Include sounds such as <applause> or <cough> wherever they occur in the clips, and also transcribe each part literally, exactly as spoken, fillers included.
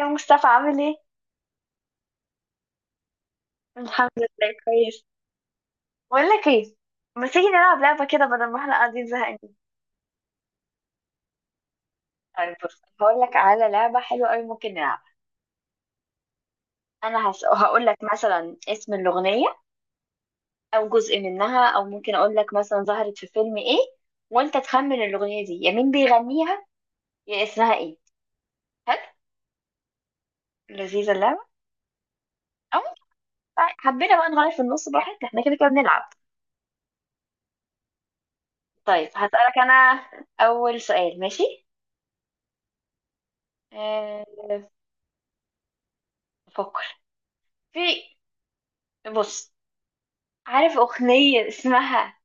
يا مصطفى عامل ايه؟ الحمد لله كويس. بقول لك ايه، ما تيجي نلعب لعبة كده بدل ما احنا قاعدين زهقانين. طيب بص، هقول لك على لعبة حلوة قوي ممكن نلعبها. انا هس... هقول لك مثلا اسم الأغنية، او جزء منها، او ممكن اقول لك مثلا ظهرت في فيلم ايه، وانت تخمن الأغنية دي يا مين بيغنيها يا اسمها ايه. حلو. لذيذة اللعبة. او طيب، حبينا بقى نغير في النص براحتنا، احنا كده كده بنلعب. طيب هسألك انا اول سؤال، ماشي. أه... افكر في، بص، عارف أغنية اسمها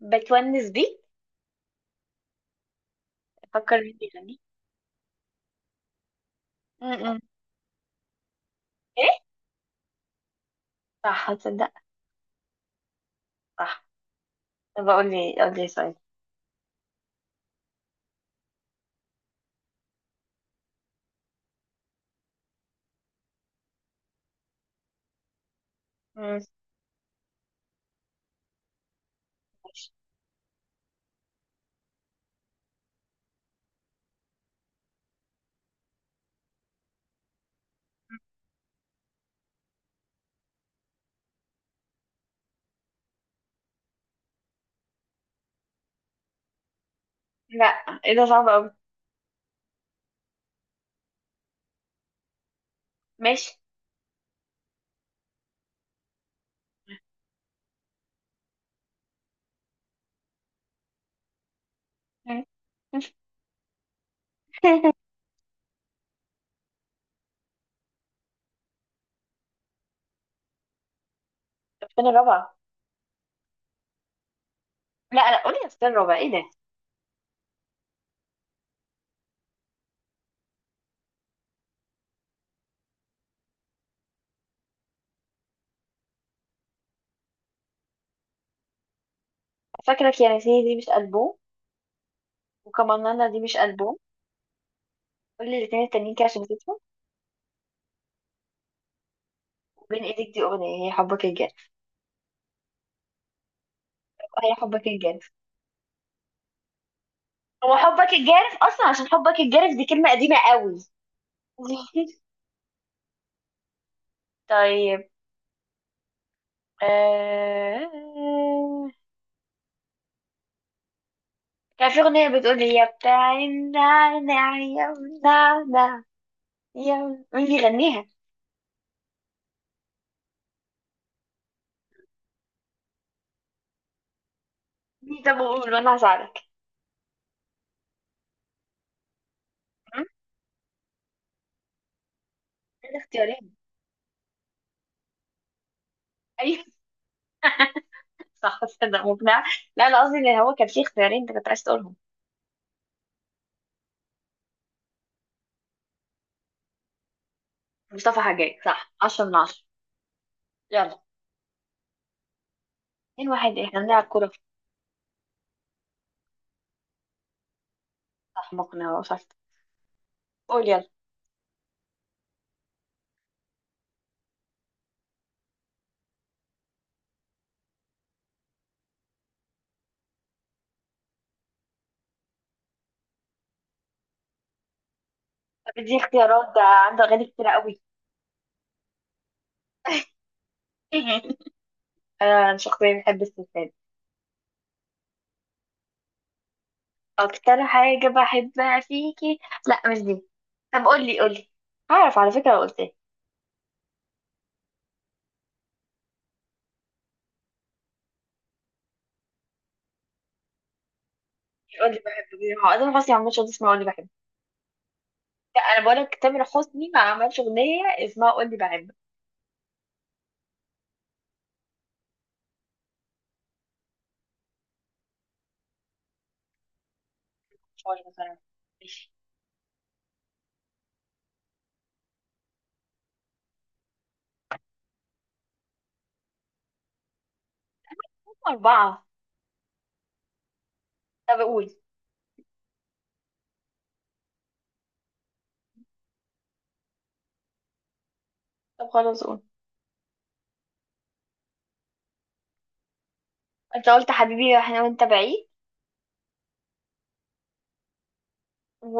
بتونس بيك؟ أفكر مين بيغني. م-م. إيه، صح، هتصدق، صح. طب أقول لي، أقول لي سؤال. مم. لا، إيه ده صعب أوي. ماشي. مم. <laughs> السنة الرابعة. لا لا، قولي السنة الرابعة إيه ده. فاكرك يا نسيني دي مش ألبوم. وكمانانا دي مش ألبوم. قولي الاتنين التانيين كده عشان نسيتهم. وبين إيدك دي أغنية، هي حبك الجارف؟ هي حبك الجارف. هو حبك الجارف أصلا، عشان حبك الجارف دي كلمة قديمة قوي. <laughs> طيب. آه... كان في أغنية بتقول يا بتاع النعناع يا النعناع، يا مين بيغنيها؟ مين؟ طب قول وأنا هساعدك. م؟ كان اختيارين. أيوة. <laughs> صح صدق مقنعة. لا أنا قصدي إن هو كان في اختيارين أنت كنت عايز تقولهم. مصطفى حجاج، صح، عشرة من عشرة. يلا. اتنين واحد، إحنا بنلعب كورة. صح مقنعة وصفت. قول يلا. طب دي اختيارات، ده عنده أغاني كتيرة قوي. <laughs> أنا شخصيا بحب السلسلة. أكتر حاجة بحبها فيكي. لا مش دي. طب قولي قولي، هعرف على فكرة لو قلت. قول لي بحبك دي. هو اصلا حسني ما عملش اغنيه اسمها قول لي بحبك. لا انا بقول لك تامر حسني ما عملش اغنيه اسمها قول لي بحبك. مش هو اللي مثلا. ماشي. هم اربعه. طب قول. طب خلاص قول. انت قلت حبيبي احنا وانت بعيد، و...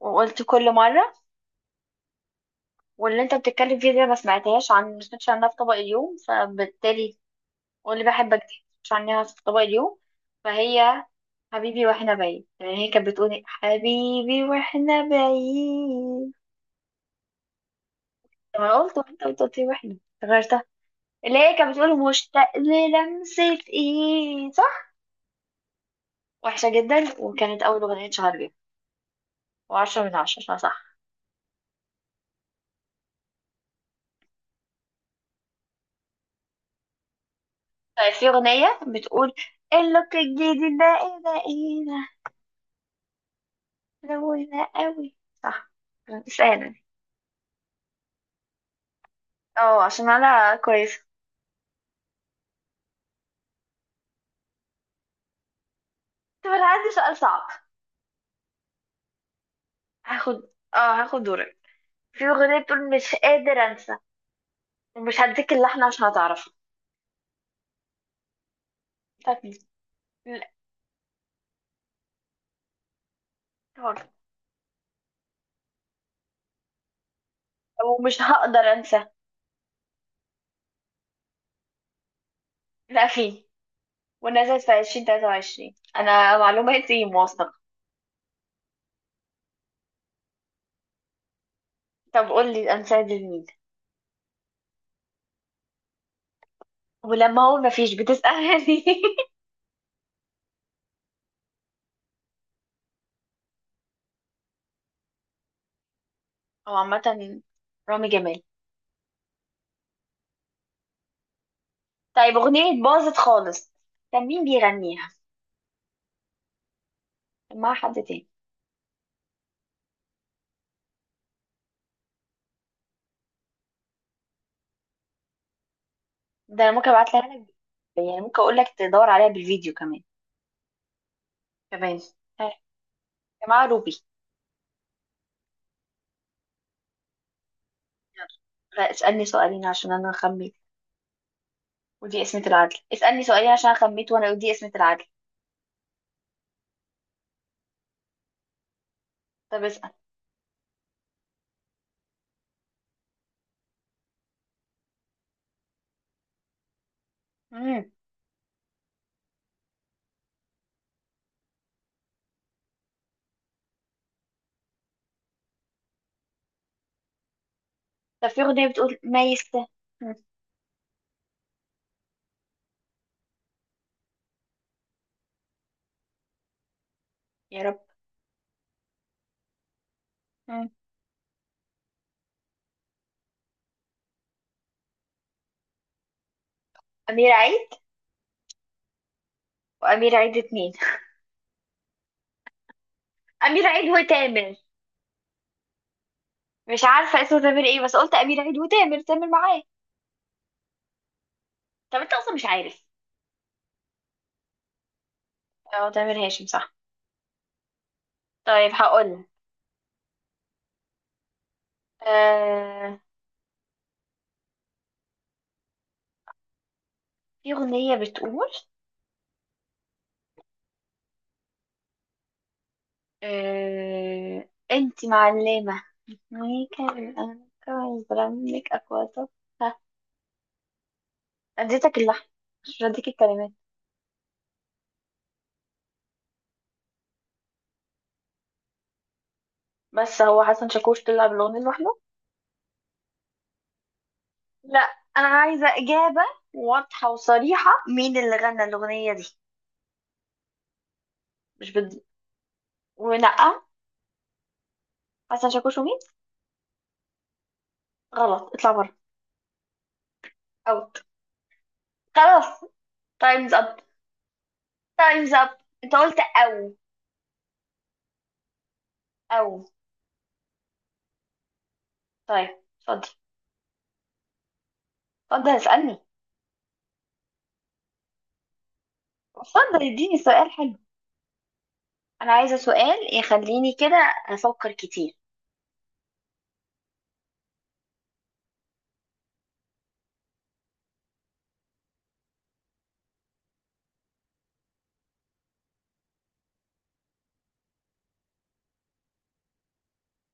وقلت كل مره، واللي انت بتتكلم فيه دي ما سمعتهاش، عن ما سمعتش عنها في طبق اليوم، فبالتالي قول لي بحبك دي مش عنها في طبق اليوم، فهي حبيبي واحنا بعيد. يعني هي كانت بتقولي حبيبي واحنا بعيد. طب انا قلت وانت قلت قلت لي واحنا، غيرت. اللي هي كانت بتقول مشتاق للمسة، ايه، صح. وحشة جدا، وكانت أول أغنية اتشهر بيها. وعشرة من عشرة، صح صح. طيب في أغنية بتقول اللوك الجديد ده ايه، ده ايه، ده روينا قوي. صح. اسألني. اه عشان أنا كويسة. طب أنا عندي سؤال صعب. هاخد. اه. هاخد دورك. في أغنية بتقول مش قادر أنسى، ومش هديك اللحن عشان هتعرفه. بتاعت مين؟ لا. ومش هقدر أنسى. لا في. ونزلت في عشرين تلاتة وعشرين، أنا معلوماتي موثقة. طب قولي أنسة لمين. ولما هو مفيش بتسألني. <laughs> هو عامة رامي جمال. طيب أغنية باظت خالص، كان مين بيغنيها؟ كان معاها حد تاني. ده أنا ممكن أبعتلها لك، يعني ممكن أقول لك تدور عليها بالفيديو كمان. كمان. ها، يا جماعة روبي. يلا. لا اسألني سؤالين عشان أنا خميت ودي قسمة العدل. اسألني سؤالين عشان أنا خميت وأنا ودي قسمة العدل. طب اسأل. مم. طب في أغنية بتقول ما يست. مم. يا رب. مم. أمير عيد. وأمير عيد اتنين. أمير عيد وتامر. مش عارفة اسمه تامر ايه، بس قلت أمير عيد وتامر، تامر معاه. طب انت أصلا مش عارف. اه تامر هاشم، صح. طيب هقول. آه... في أغنية بتقول، آه... انت معلمة، ميكا الأنكا برنك أكواتك، اديتك اللحن مش هديك الكلمات. بس هو حسن شاكوش طلع بالأغنية لوحده. لا، أنا عايزة إجابة واضحة وصريحة، مين اللي غنى الأغنية دي. مش بد... ونقى، حسن شاكوش ومين. غلط، اطلع بره. اوت. خلاص. تايمز اب. تايمز اب. انت قلت او، او. طيب اتفضل. اتفضل اسألني. اتفضل اديني سؤال حلو، انا عايزة سؤال يخليني كده افكر كتير.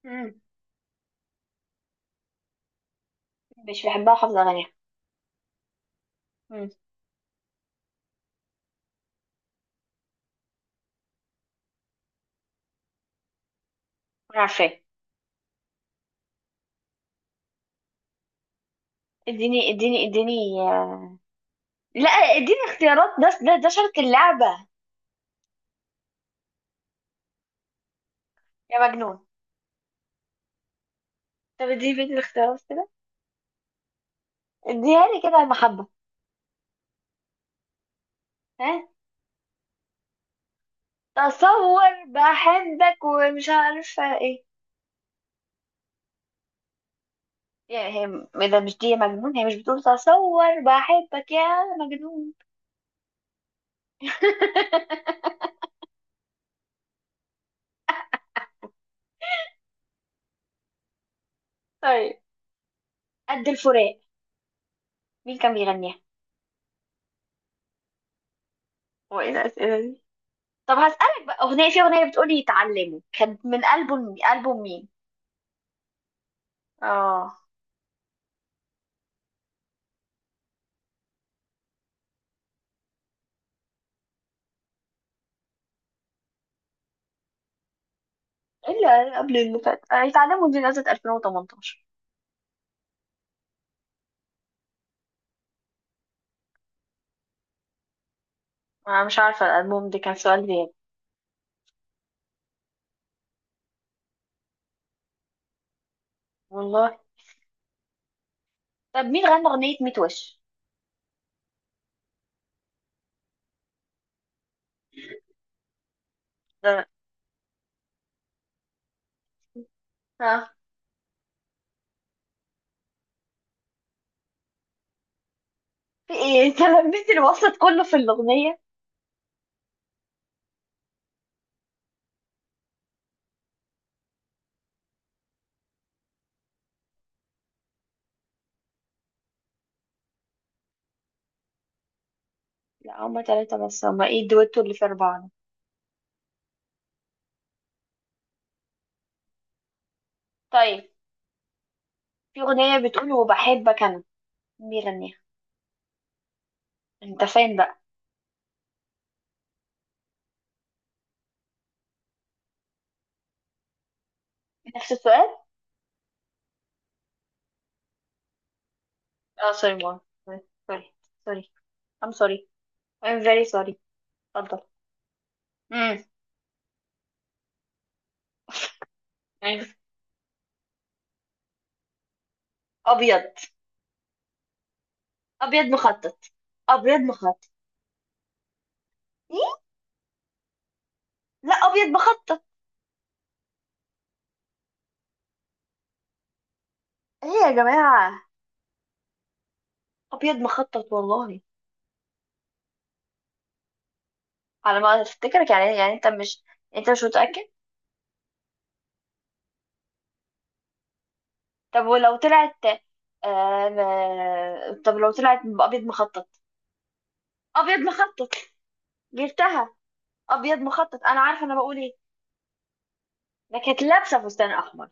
مم. مش بحبها وحافظة اغانيها. مم. أنا عارفاه. اديني اديني اديني آه، لا اديني اختيارات، ده ده ده شرط اللعبة. يا مجنون. طب اديني بيت الاختيارات كده. اديها لي كده يا محبة. ها. تصور بحبك ومش عارفة ايه. يعني هي م- اذا مش دي مجنون، هي مش بتقول تصور بحبك يا مجنون. <laughs> طيب، قد الفراق، مين كان بيغنيها. هو ايه الاسئله دي. طب هسألك بقى اغنيه، في اغنيه بتقولي اتعلموا، كانت من البوم، البوم مين. اه. اللي قبل اللي فات. آه، اتعلموا دي نزلت ألفين وتمنتاشر. انا مش عارفه الالبوم ده، كان سؤال غير والله. طب مين غنى اغنيه مية وش ده؟ ها؟ في ايه <laughs> انت لميت الوسط كله في الاغنيه. لا هما ثلاثه بس، هما ايه الدويتو اللي في اربعه ده؟ طيب في أغنية بتقول وبحبك أنا، مين بيغنيها. أنت فين بقى؟ نفس السؤال. اه سوري ماما، سوري، سوري. I'm sorry. I'm very sorry. اتفضل. امم. أيوة. أبيض. أبيض مخطط. أبيض مخطط. إيه؟ لا أبيض مخطط. إيه يا جماعة؟ أبيض مخطط والله. على ما أفتكرك، يعني يعني أنت مش، أنت مش متأكد. طب ولو طلعت آه... ما- طب لو طلعت أبيض مخطط، أبيض مخطط، جبتها. أبيض مخطط، أنا عارفة أنا بقول إيه. ده كانت لابسه فستان احمر.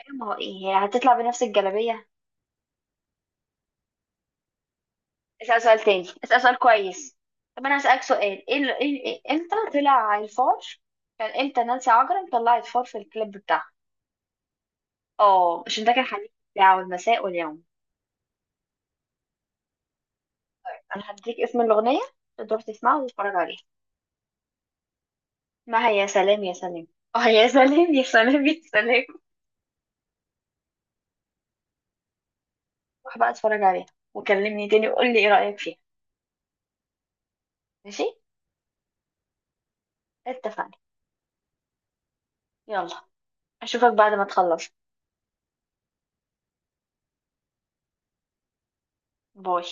أيوة، ما هو ايه، هي هتطلع بنفس الجلابيه. اسال سؤال تاني، اسال سؤال كويس. طب انا هسالك سؤال، ايه ال- إيه- إيه- امتى طلع الفار. كان امتى نانسي عجرم طلعت فار في الكليب بتاعها. اه عشان ده كان حديث بتاعه المساء واليوم. انا هديك اسم الاغنيه، تقدر تسمعها وتتفرج عليها. ما هي يا سلام يا سلام. اه يا سلام يا سلام يا سلام. روح بقى اتفرج عليها وكلمني تاني وقول لي ايه رايك فيها. ماشي. اتفقنا. يلا. اشوفك بعد ما تخلص. باي.